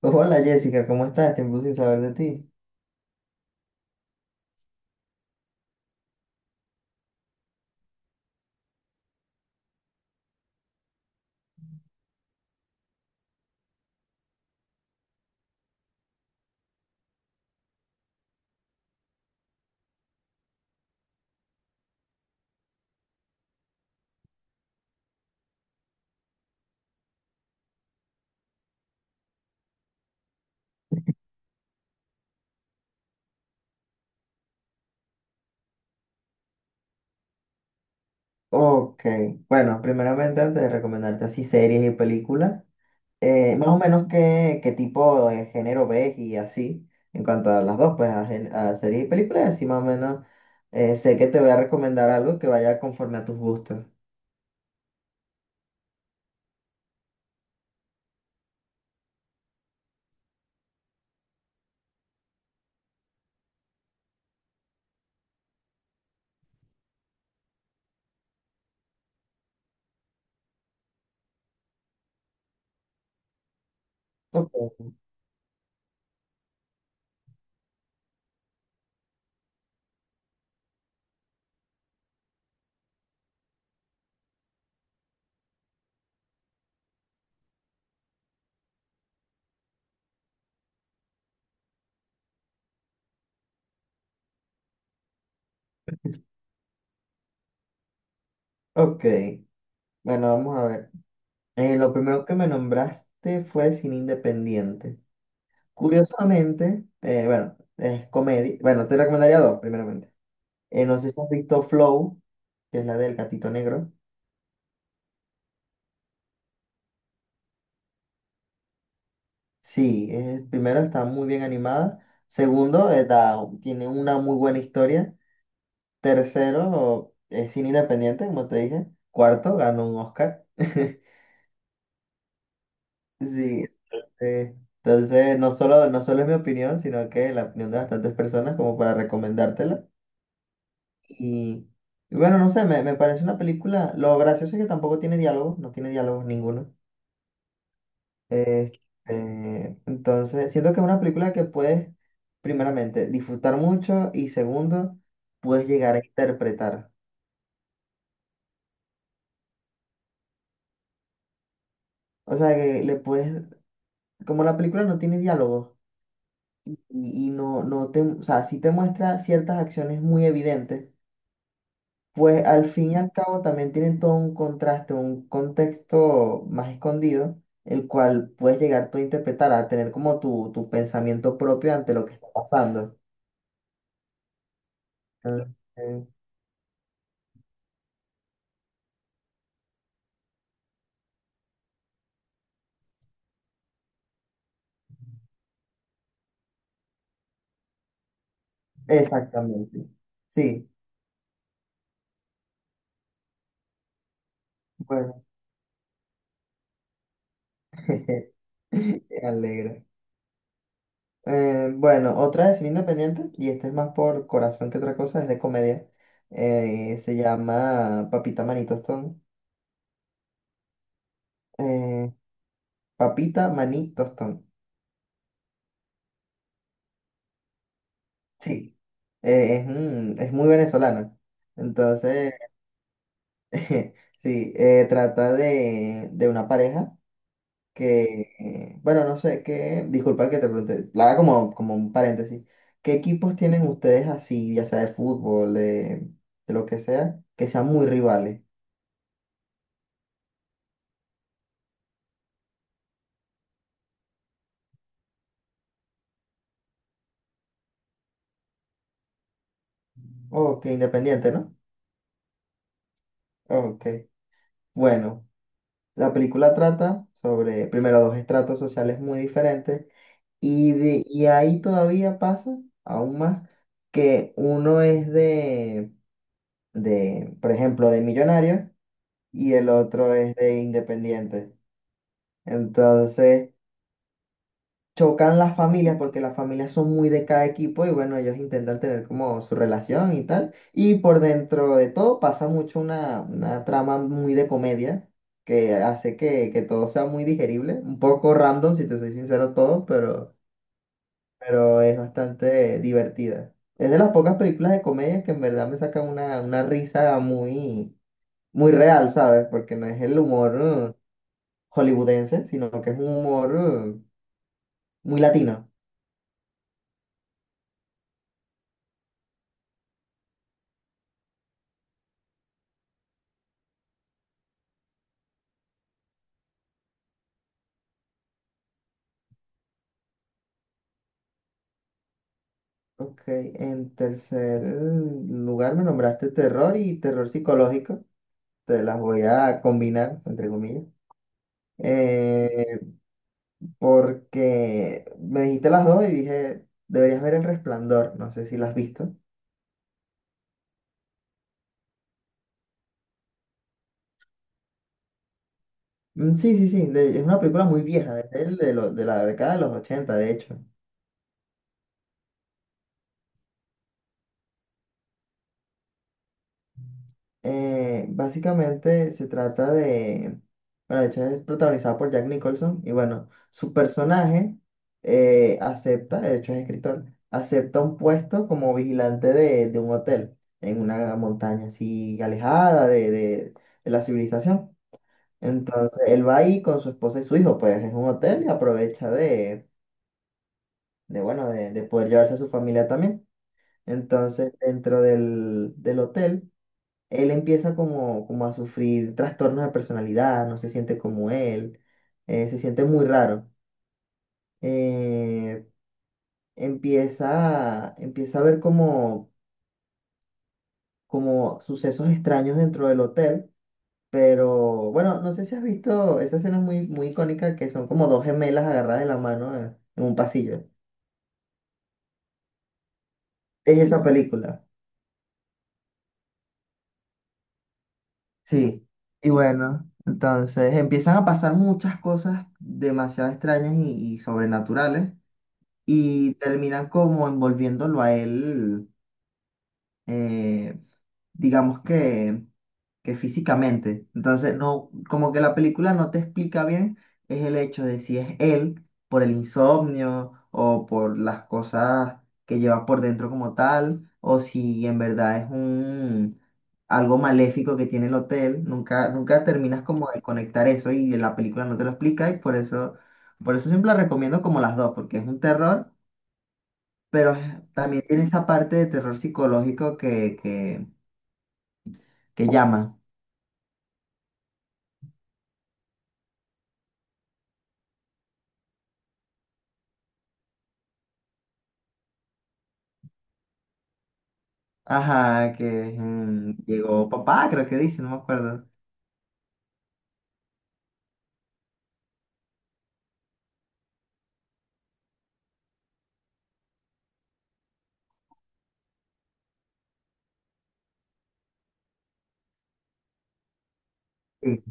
Hola Jessica, ¿cómo estás? Tiempo sin saber de ti. Ok, bueno, primeramente antes de recomendarte así series y películas, más o menos qué tipo de género ves y así, en cuanto a las dos, pues a, a series y películas, así más o menos sé que te voy a recomendar algo que vaya conforme a tus gustos. Ok, ok, bueno, vamos a ver. Lo primero que me nombraste fue cine independiente. Curiosamente, bueno, es comedia, bueno, te recomendaría dos, primeramente. No sé si has visto Flow, que es la del gatito negro. Sí, primero está muy bien animada. Segundo, tiene una muy buena historia. Tercero, es cine independiente, como te dije. Cuarto, ganó un Oscar. Sí, eh, entonces no solo es mi opinión, sino que la opinión de bastantes personas como para recomendártela. Y, y bueno, no sé, me parece una película. Lo gracioso es que tampoco tiene diálogo, no tiene diálogo ninguno. Este, entonces, siento que es una película que puedes, primeramente, disfrutar mucho y segundo, puedes llegar a interpretar. O sea, que le puedes, como la película no tiene diálogo y no, o sea, sí te muestra ciertas acciones muy evidentes, pues al fin y al cabo también tienen todo un contraste, un contexto más escondido, el cual puedes llegar tú a interpretar, a tener como tu pensamiento propio ante lo que está pasando. Entonces, exactamente. Sí, bueno, jeje, me alegra. Bueno, otra de cine independiente, y esta es más por corazón que otra cosa, es de comedia. Se llama Papita Maní Tostón. Eh, Papita Maní Tostón. Sí, es, es muy venezolana. Entonces, sí, trata de una pareja. Que, bueno, no sé, que, disculpa que te pregunte, la haga como, como un paréntesis. ¿Qué equipos tienen ustedes así, ya sea de fútbol, de lo que sea, que sean muy rivales? Oh, que independiente, ¿no? Ok. Bueno, la película trata sobre, primero, dos estratos sociales muy diferentes y, de, y ahí todavía pasa, aún más, que uno es por ejemplo, de millonario y el otro es de independiente. Entonces... chocan las familias porque las familias son muy de cada equipo y bueno, ellos intentan tener como su relación y tal. Y por dentro de todo pasa mucho una trama muy de comedia que hace que todo sea muy digerible, un poco random, si te soy sincero, todo, pero es bastante divertida. Es de las pocas películas de comedia que en verdad me sacan una risa muy, muy real, ¿sabes? Porque no es el humor hollywoodense, sino que es un humor muy latino. Ok, en tercer lugar me nombraste terror y terror psicológico. Te las voy a combinar, entre comillas. Eh, Porque me dijiste las dos y dije, deberías ver El Resplandor. No sé si la has visto. Sí, sí, sí. Es una película muy vieja, de, de la década de los 80, de hecho. Básicamente se trata de, bueno, de hecho es protagonizada por Jack Nicholson y bueno, su personaje acepta, de hecho es escritor, acepta un puesto como vigilante de un hotel en una montaña así alejada de la civilización. Entonces él va ahí con su esposa y su hijo, pues es un hotel y aprovecha de poder llevarse a su familia también. Entonces dentro del hotel él empieza como, como a sufrir trastornos de personalidad, no se siente como él, se siente muy raro. Eh, empieza a ver como, como sucesos extraños dentro del hotel, pero bueno, no sé si has visto esa escena es muy, muy icónica que son como dos gemelas agarradas de la mano en un pasillo. Es esa película, sí. Y bueno, entonces empiezan a pasar muchas cosas demasiado extrañas y sobrenaturales. Y terminan como envolviéndolo a él, eh, digamos que físicamente. Entonces, no, como que la película no te explica bien es el hecho de si es él por el insomnio o por las cosas que lleva por dentro como tal, o si en verdad es un algo maléfico que tiene el hotel. Nunca, nunca terminas como de conectar eso y la película no te lo explica y por eso siempre la recomiendo como las dos, porque es un terror pero también tiene esa parte de terror psicológico que, que llama. Ajá, que mm, llegó papá, creo que dice, no me acuerdo. Sí.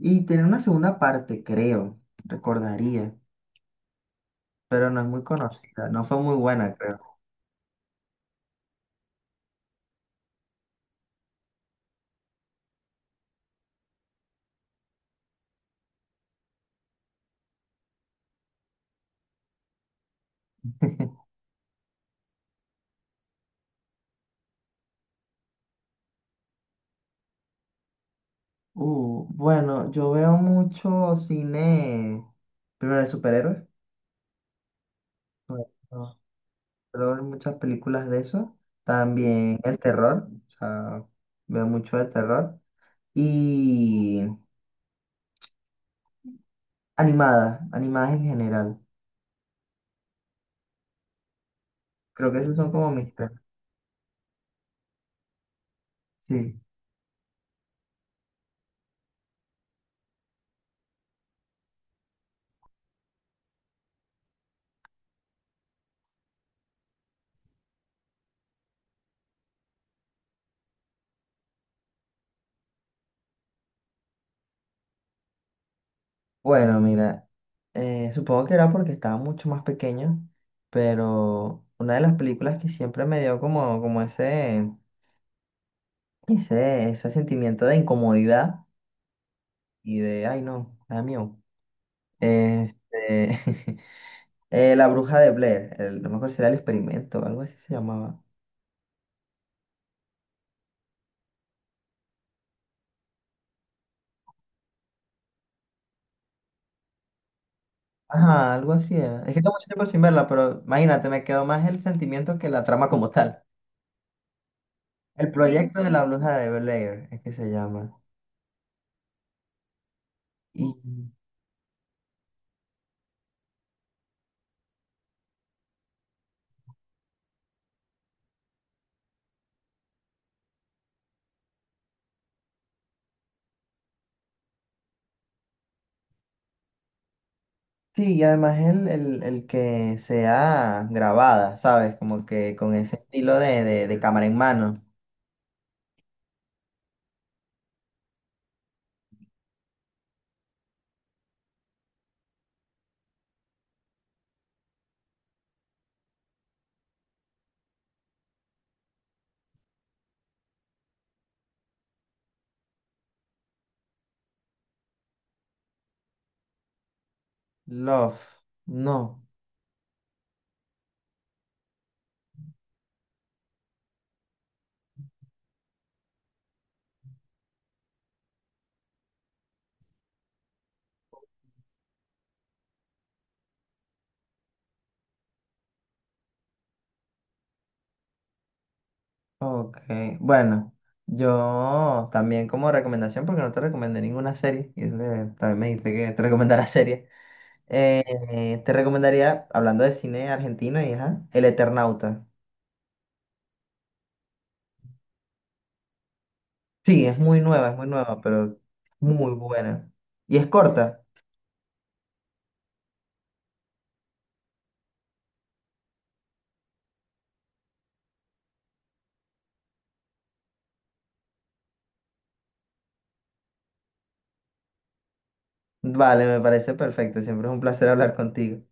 Y tiene una segunda parte, creo, recordaría, pero no es muy conocida, no fue muy buena, creo. Bueno, yo veo mucho cine, primero de superhéroes, bueno, no, pero veo muchas películas de eso, también el terror, o sea, veo mucho de terror. Y animadas, animadas en general. Creo que esos son como mis tres. Sí. Bueno, mira, supongo que era porque estaba mucho más pequeño, pero una de las películas que siempre me dio como, como ese, ese sentimiento de incomodidad y de, ay no, da miedo. Este, La bruja de Blair, no me acuerdo si era el experimento algo así se llamaba. Ajá, algo así era. Es que tengo mucho tiempo sin verla, pero imagínate, me quedó más el sentimiento que la trama como tal. El sí, proyecto de la bruja de Blair es que se llama. Y sí, y además el que sea grabada, ¿sabes? Como que con ese estilo de cámara en mano. Love. No. Ok. Bueno, yo también como recomendación, porque no te recomendé ninguna serie, y eso que también me dijiste que te recomendara serie. Te recomendaría, hablando de cine argentino, y ajá, El Eternauta. Sí, es muy nueva, pero muy buena. Y es corta. Vale, me parece perfecto. Siempre es un placer hablar contigo.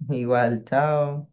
Igual, chao.